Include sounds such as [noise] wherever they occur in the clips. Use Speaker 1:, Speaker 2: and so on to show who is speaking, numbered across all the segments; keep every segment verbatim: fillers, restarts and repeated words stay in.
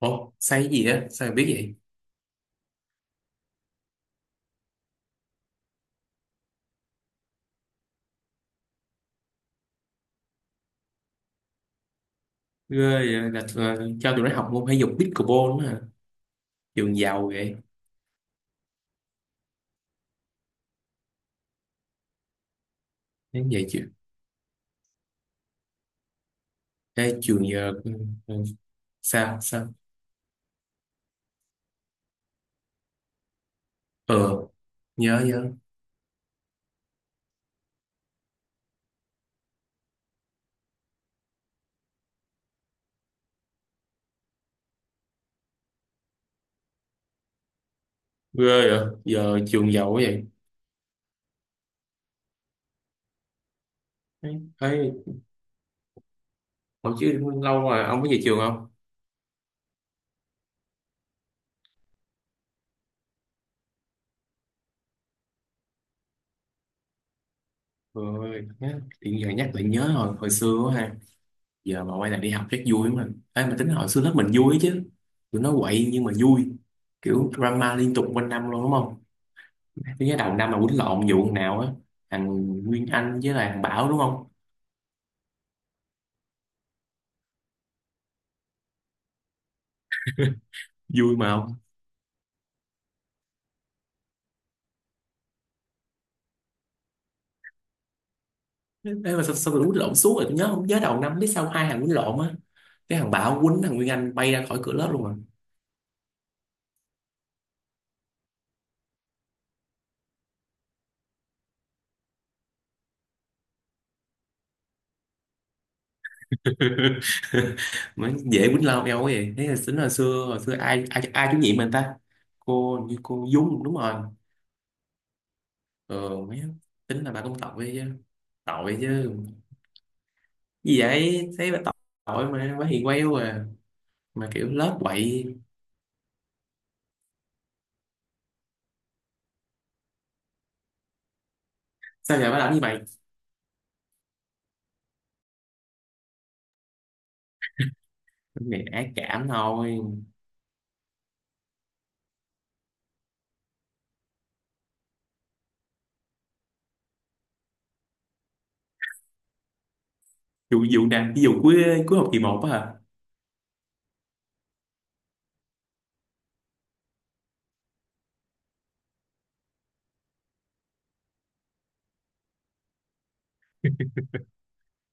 Speaker 1: Ủa, sai cái gì á? Sao mà biết vậy? Ghê vậy? Là, là cho tụi nó học môn thể dục pickleball nữa hả? Trường giàu vậy. Đến vậy chứ. Ê, trường giờ... ừ, ừ, sao? Sao? Ờ, nhớ nhớ. Ghê vậy? Giờ trường giàu quá vậy. Thấy, hồi chứ lâu rồi ông có về trường không? Rồi, tự nhiên giờ nhắc lại nhớ hồi, hồi xưa quá ha. Giờ mà quay lại đi học rất vui mà, mình. Ê, mà tính hồi xưa lớp mình vui chứ. Tụi nó quậy nhưng mà vui. Kiểu drama liên tục quanh năm luôn đúng không? Tôi nhớ đầu năm mà quýnh lộn vụ thằng nào á, thằng Nguyên Anh với lại thằng Bảo đúng không. Vui mà không. Ê mà sao, sao tôi quýnh lộn suốt rồi tôi nhớ không, nhớ đầu năm biết sao hai thằng quýnh lộn á, cái thằng Bảo quýnh thằng Nguyên Anh bay ra khỏi cửa lớp luôn à. [laughs] Mới dễ quýnh lộn eo quá vậy, thế là tính hồi xưa hồi xưa ai ai, ai chủ nhiệm mình ta? Cô hình như cô Dung đúng rồi. Ờ mấy, tính là bà cũng tội chứ. Tội chứ, gì vậy thấy bà, tội mà bà hiền queo à. Mà kiểu lớp quậy. Sao giờ bà làm như vậy? Cái ác cảm thôi. Vụ vụ nào, ví dụ cuối cuối học kỳ một á hả?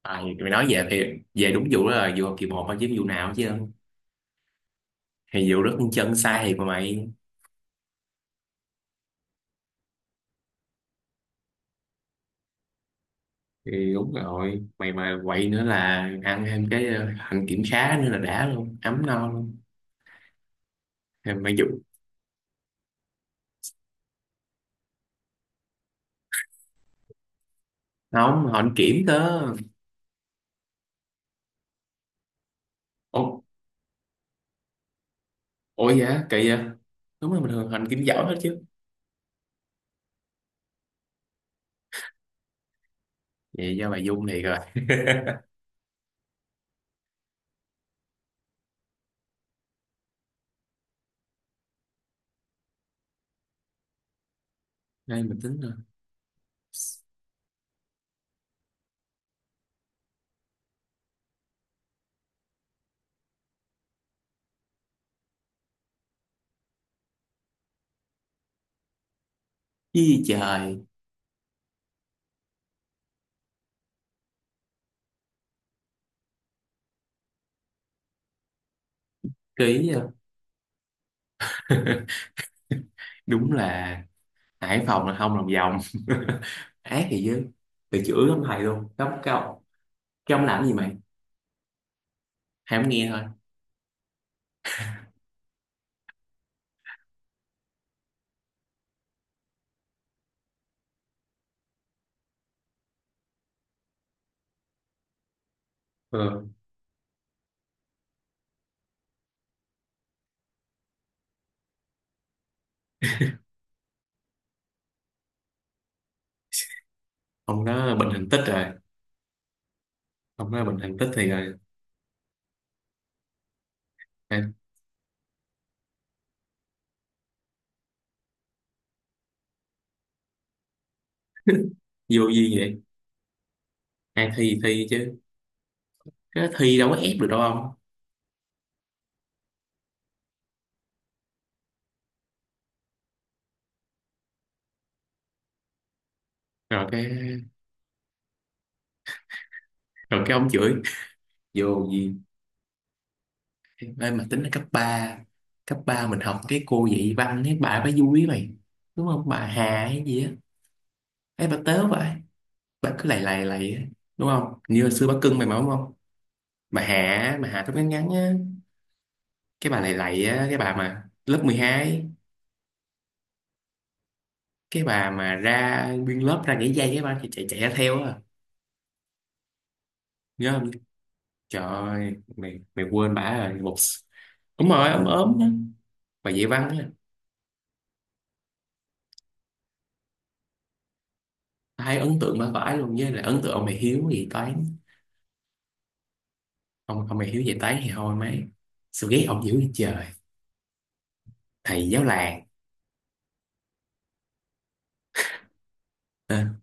Speaker 1: À, mày nói về thì về đúng vụ đó, là vụ học kỳ một thôi chứ vụ nào chứ. Thì vụ rất con chân sai thiệt mà mày. Thì đúng rồi, mày mà quậy nữa là ăn thêm cái ờ, hạnh kiểm khá nữa là đã luôn, ấm no luôn. Thì mày vụ. Không, họ hạnh kiểm cơ. Ủa ủa, dạ kỳ vậy. Đúng là bình thường hành kiểm giỏi hết chứ. Vậy do mày Dung thiệt rồi. [laughs] Đây mình tính rồi. Ý trời. Ký. [laughs] Đúng là Hải Phòng là không lòng vòng. [laughs] Ác thì chứ. Từ chửi ông thầy luôn cấm cao. Cái ông làm gì mày, thầy không nghe thôi. Ừ. Ông đó bệnh thành tích rồi. Ông đó bệnh thành tích thì rồi. À, vô duyên vậy. Ai thi thì thi chứ, cái thi đâu có ép được đâu ông. Rồi cái, rồi cái ông chửi. Vô duyên. Ê, mà tính là cấp ba, cấp ba mình học cái cô dạy văn cái bà bà vui mày, đúng không, bà Hà hay gì á. Ấy bà tớ vậy, bà cứ lầy lầy lầy á, đúng không, như hồi xưa bà cưng mày mà đúng không. Bà Hạ, bà Hạ tóc ngắn ngắn á, cái bà lầy lầy á, cái bà mà lớp mười hai, cái bà mà ra nguyên lớp ra nhảy dây cái bà chạy chạy, chạy ra theo á. Nhớ không? Trời ơi, mày mày quên bà rồi một. Đúng rồi, ấm ốm á. Bà dạy văn á. Ai ấn tượng bà vãi luôn, với lại ấn tượng ông thầy Hiếu dạy toán. Ông ông thầy Hiếu dạy toán thì thôi mấy, sự ghét ông dữ như trời, thầy giáo làng. À,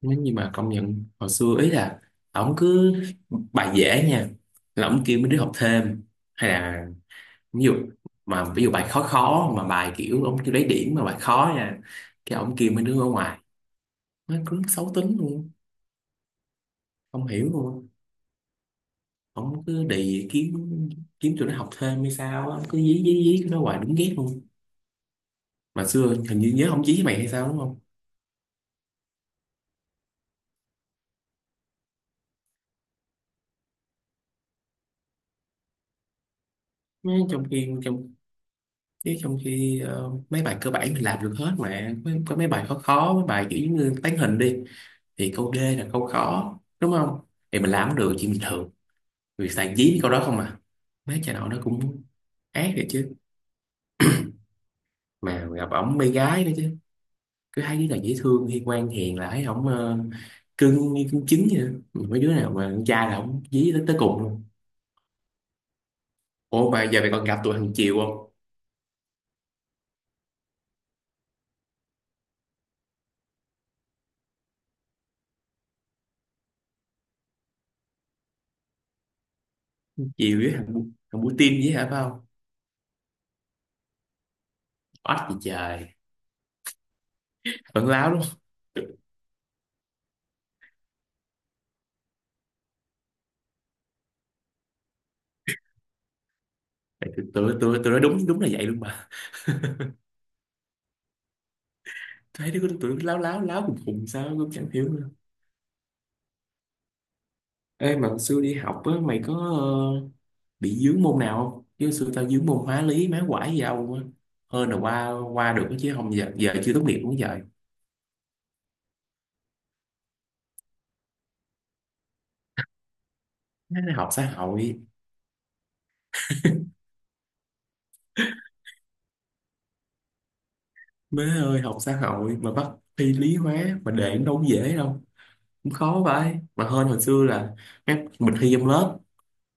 Speaker 1: nếu như mà công nhận hồi xưa ý là, ổng cứ bài dễ nha là ổng kêu mấy đứa học thêm, hay là ví dụ, mà ví dụ bài khó khó mà bài kiểu ông kêu lấy điểm mà bài khó nha, cái ông kia mấy đứa ở ngoài nó cứ xấu tính luôn, không hiểu luôn. Ông cứ đì kiếm, kiếm tụi nó học thêm hay sao á, cứ dí dí dí tụi nó hoài đúng ghét luôn. Mà xưa hình như nhớ ông dí với mày hay sao đúng không. Mấy trong khi trong Chứ trong khi ờ, mấy bài cơ bản thì làm được hết, mà có, có mấy bài khó khó, mấy bài kiểu như tán hình đi thì câu D là câu khó đúng không, thì mình làm cũng được chuyện bình thường. Người xài dí cái câu đó không à. Mấy cha nội nó cũng ác rồi chứ. Mà gặp ổng mê gái nữa chứ. Cứ thấy đứa nào dễ thương hay ngoan hiền là thấy ổng ờ, cưng như cưng trứng vậy đó. Mấy đứa nào mà con trai là ổng dí tới, tới cùng luôn. Ủa mà giờ mày còn gặp tụi thằng Chiều không? Chiều với thằng Bu- thằng Bu Tim với hả phải không? Oách gì trời. Vẫn láo lắm. Tại tụi tụi tụi tụi nó đúng đúng là vậy luôn mà, thấy đứa tụi nó láo láo láo cùng cùng sao cũng chẳng hiểu nữa. Ê mà hồi xưa đi học á mày có ờ, bị dướng môn nào không? Chứ xưa tao dướng môn hóa lý má quải gì đâu á. Hơn là qua qua được chứ không giờ giờ chưa tốt nghiệp cũng vậy. Má học xã hội. Má ơi học xã hội mà bắt thi lý hóa mà để đâu có dễ đâu, cũng khó vậy mà. Hơn hồi xưa là má, mình thi trong lớp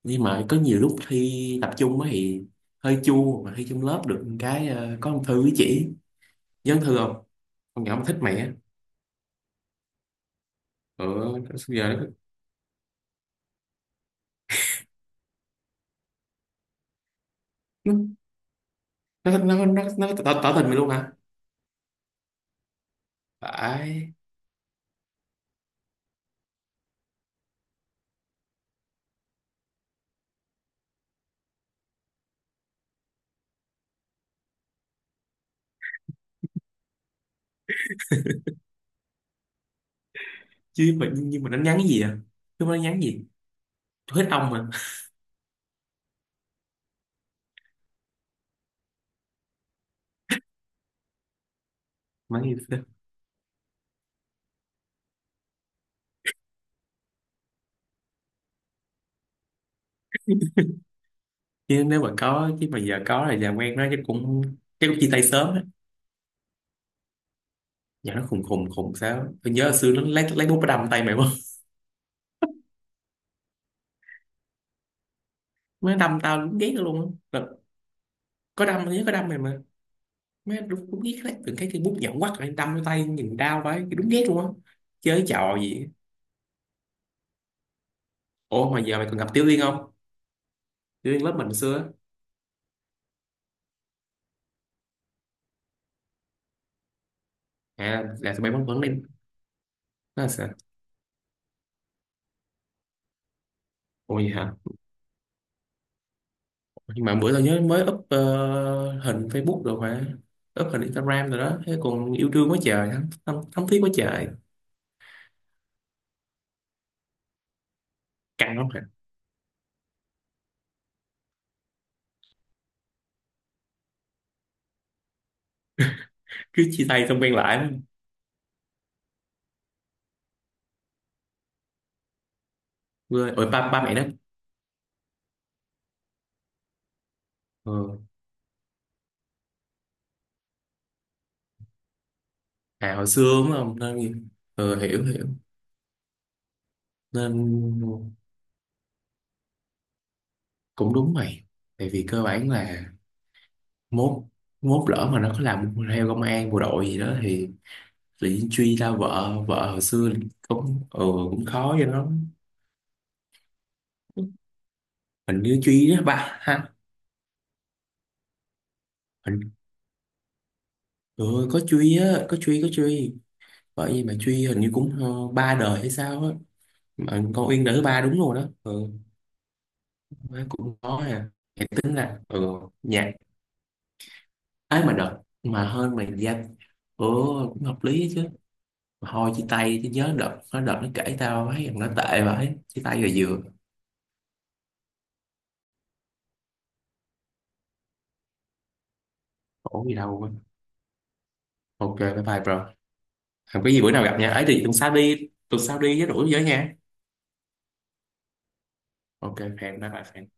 Speaker 1: nhưng mà có nhiều lúc thi tập trung á thì hơi chua, mà thi trong lớp được một cái ờ, có ông thư với chỉ. Nhớ ông thư không? Con nhỏ mà thích mẹ. Ừ, sao giờ nó nó nó nó, nó, nó tỏ, tỏ tình mày luôn hả? Phải. Chứ mà nhưng mà nó nhắn cái gì à, chứ nó nhắn gì hết ông mà. Mà như thế. Chứ nếu mà có, chứ mà giờ có thì làm quen nó chắc cũng, chắc cũng chia tay sớm á. Giờ nó khùng khùng khùng sao, tôi nhớ hồi xưa nó lấy lấy bút nó đâm tay mày không. Nó đâm tao đúng ghét nó luôn á. Là có đâm, nhớ có đâm mày mà. Má đúng, đúng ghét, lấy từng cái cây bút nhọn quắt rồi đâm vô tay nhìn đau vậy đúng ghét luôn á. Chơi trò gì á. Ủa mà giờ mày còn gặp Tiểu Liên không? Tiểu Liên lớp mình xưa á. À là tụi bay vẫn vẫn đi. Nó là sao? Ôi hả. Nhưng mà bữa tao nhớ mới up ờ, hình Facebook rồi, phải, up hình Instagram rồi đó thế, còn yêu đương quá trời thắm, thắm, thắm thiết quá trời. Căng lắm hả? Cứ chia tay xong quen lại lắm. Quê- ôi ba ba mẹ đó. Ừ. À hồi xưa đúng không nên, ừ, hiểu hiểu. Nên cũng đúng mày, tại vì cơ bản là mốt, mốt lỡ mà nó có làm theo công an bộ đội gì đó thì bị truy ra vợ vợ hồi xưa, cũng ừ, cũng khó cho nó. Hình như truy đó ba ha. Trời ơi, có Truy á, có Truy, có Truy. Bởi vì mà Truy hình như cũng ờ, ba đời hay sao á. Mà con Uyên đời thứ ba đúng rồi đó. Ừ, má cũng có à. Hãy tính là ừ, nhạc ấy, mà đợt mà hơn mà danh. Ừ, cũng hợp lý ấy chứ. Mà thôi chia tay chứ, nhớ đợt nó, đợt nó kể tao thấy rằng nó tệ vậy. Chia tay rồi vừa. Khổ gì đâu. Quên. Ok, bye bye bro. Không có gì, bữa nào gặp nha. Ấy thì tuần sau đi, tuần sau đi với rủ với nha. Ok, hẹn bye bye.